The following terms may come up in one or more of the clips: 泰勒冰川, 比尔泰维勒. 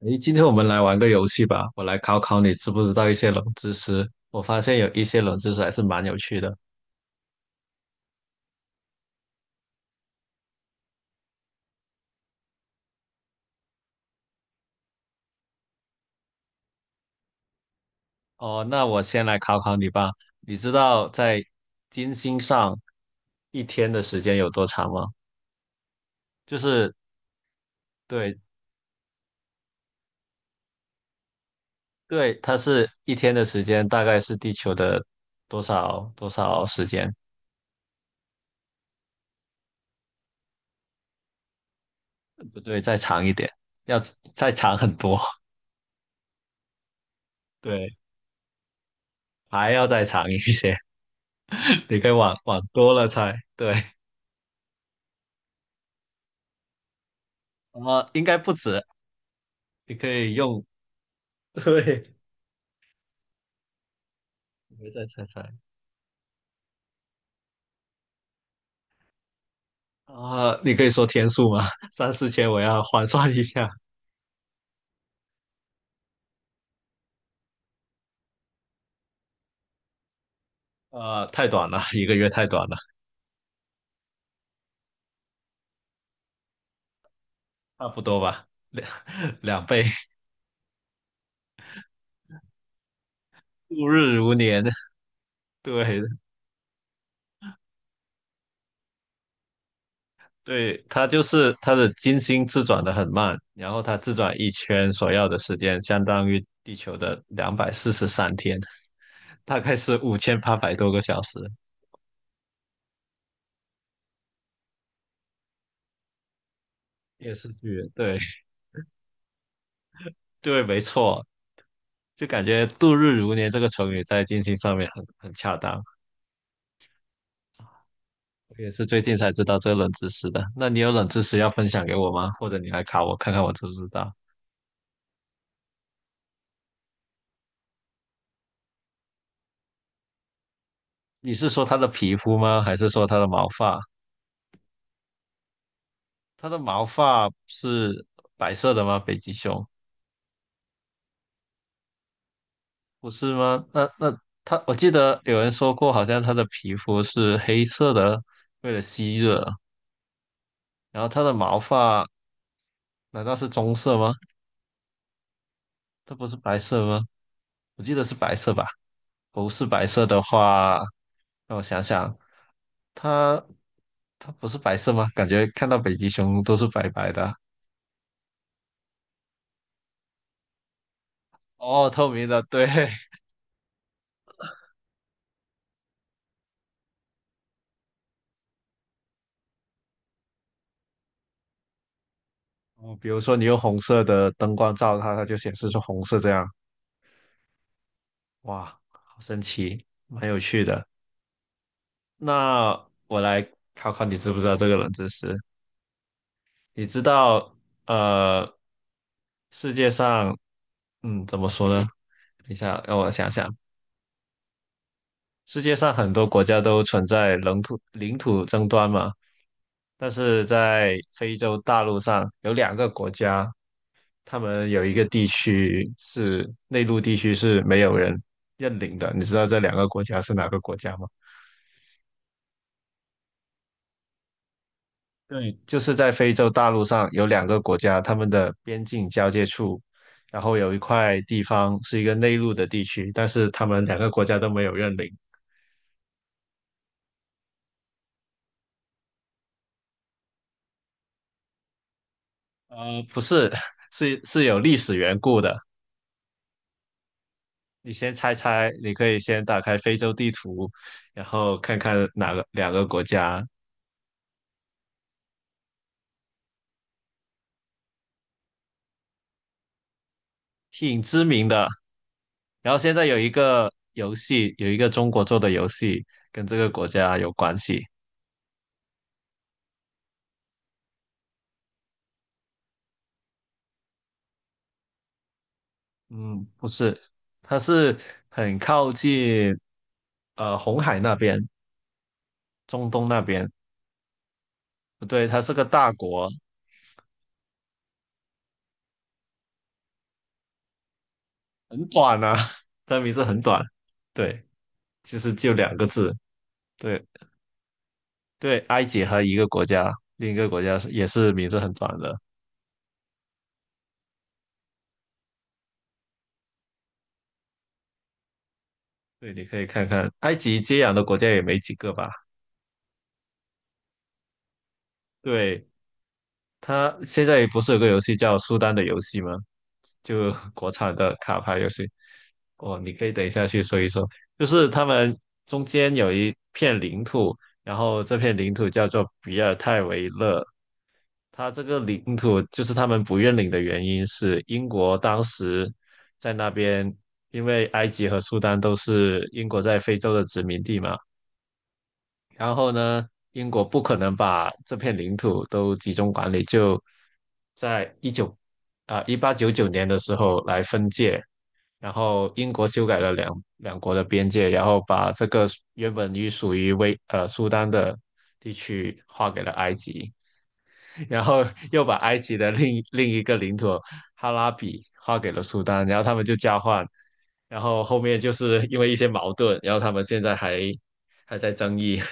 诶，今天我们来玩个游戏吧，我来考考你知不知道一些冷知识。我发现有一些冷知识还是蛮有趣的。哦，那我先来考考你吧。你知道在金星上一天的时间有多长吗？就是对对，它是一天的时间，大概是地球的多少多少时间？不对，再长一点，要再长很多。对，还要再长一些。你可以往多了猜。对，应该不止。你可以用，对，我会再猜猜。啊、你可以说天数吗？三四千，我要换算一下。啊、太短了，一个月太短了，差不多吧，两 两倍，度日如年。对对，它就是它的金星自转的很慢，然后它自转一圈所要的时间相当于地球的243天，大概是5,800多个小时。电视剧，对对，没错，就感觉度日如年这个成语在金星上面很恰当。我也是最近才知道这个冷知识的。那你有冷知识要分享给我吗？或者你来考我看看我知不知道？你是说它的皮肤吗？还是说它的毛发？它的毛发是白色的吗？北极熊不是吗？那它，我记得有人说过，好像它的皮肤是黑色的，为了吸热。然后它的毛发难道是棕色吗？它不是白色吗？我记得是白色吧？不是白色的话，让我想想，它它不是白色吗？感觉看到北极熊都是白白的啊。哦，透明的，对。哦，比如说你用红色的灯光照它，它就显示出红色这样。哇，好神奇，蛮有趣的。那我来考考你，知不知道这个冷知识？你知道，呃，世界上，怎么说呢？等一下，让我想想。世界上很多国家都存在领土领土争端嘛，但是在非洲大陆上有两个国家，他们有一个地区是内陆地区是没有人认领的。你知道这两个国家是哪个国家吗？对，就是在非洲大陆上有两个国家，他们的边境交界处，然后有一块地方是一个内陆的地区，但是他们两个国家都没有认领。不是，是有历史缘故的。你先猜猜，你可以先打开非洲地图，然后看看哪个两个国家挺知名的。然后现在有一个游戏，有一个中国做的游戏跟这个国家有关系。嗯，不是，它是很靠近红海那边，中东那边。不对，它是个大国，很短啊，它名字很短。对，其实就两个字。对对，埃及和一个国家，另一个国家是也是名字很短的。对，你可以看看，埃及接壤的国家也没几个吧？对，它现在不是有个游戏叫《苏丹的游戏》吗？就 国产的卡牌游戏。哦，你可以等一下去搜一搜，就是他们中间有一片领土，然后这片领土叫做比尔泰维勒。它这个领土就是他们不认领的原因是英国当时在那边，因为埃及和苏丹都是英国在非洲的殖民地嘛，然后呢，英国不可能把这片领土都集中管理，就在1899年的时候来分界，然后英国修改了两国的边界，然后把这个原本属于苏丹的地区划给了埃及，然后又把埃及的另一个领土哈拉比划给了苏丹，然后他们就交换，然后后面就是因为一些矛盾，然后他们现在还在争议。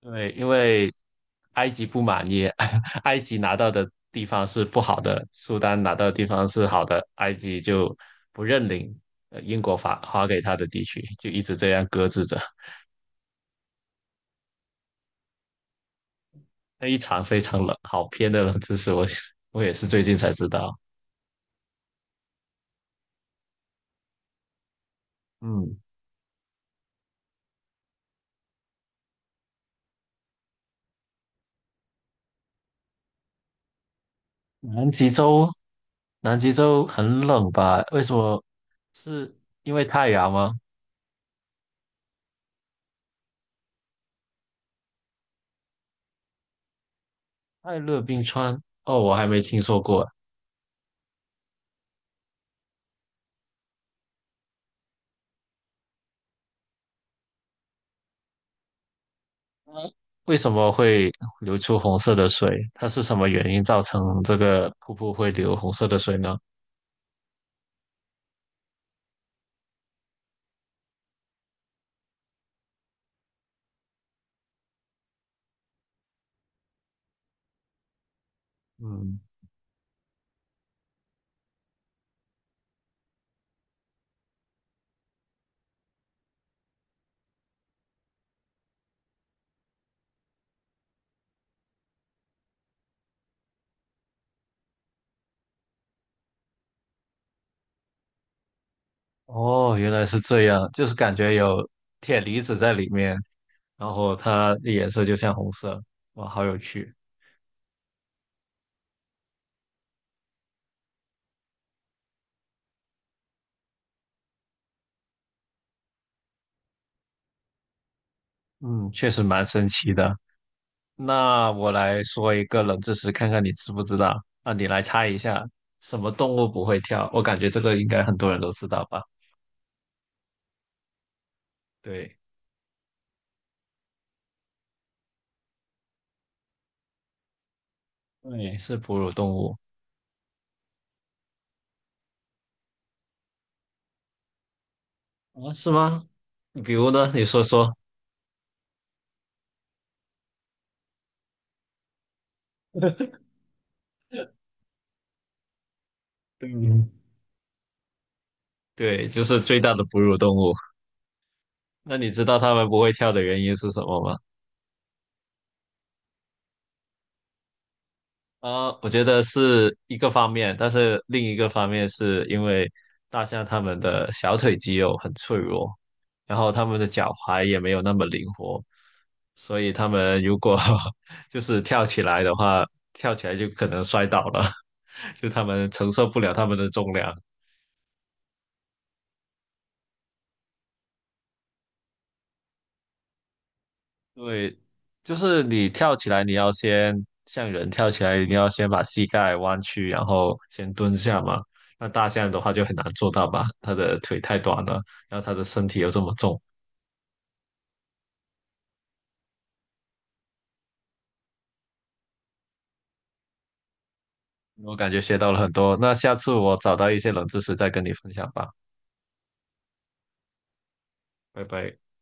对，因为埃及不满意，埃及拿到的地方是不好的，苏丹拿到的地方是好的，埃及就不认领英国发给他的地区，就一直这样搁置着。那一场非常冷，好偏的冷知识，我也是最近才知道。嗯，南极洲，南极洲很冷吧？为什么？是因为太阳吗？泰勒冰川？哦，我还没听说过。为什么会流出红色的水？它是什么原因造成这个瀑布会流红色的水呢？嗯，哦，原来是这样，就是感觉有铁离子在里面，然后它的颜色就像红色。哇，好有趣。嗯，确实蛮神奇的。那我来说一个冷知识，看看你知不知道。啊，你来猜一下，什么动物不会跳？我感觉这个应该很多人都知道吧？对，对，是哺乳动物。啊，是吗？比如呢？你说说。对，对，就是最大的哺乳动物。那你知道它们不会跳的原因是什么吗？啊，我觉得是一个方面，但是另一个方面是因为大象它们的小腿肌肉很脆弱，然后它们的脚踝也没有那么灵活，所以它们如果 就是跳起来的话，跳起来就可能摔倒了，就它们承受不了它们的重量。对，就是你跳起来，你要先像人跳起来，你要先把膝盖弯曲，然后先蹲下嘛。那大象的话就很难做到吧，它的腿太短了，然后它的身体又这么重，我感觉学到了很多。那下次我找到一些冷知识再跟你分享吧，拜拜。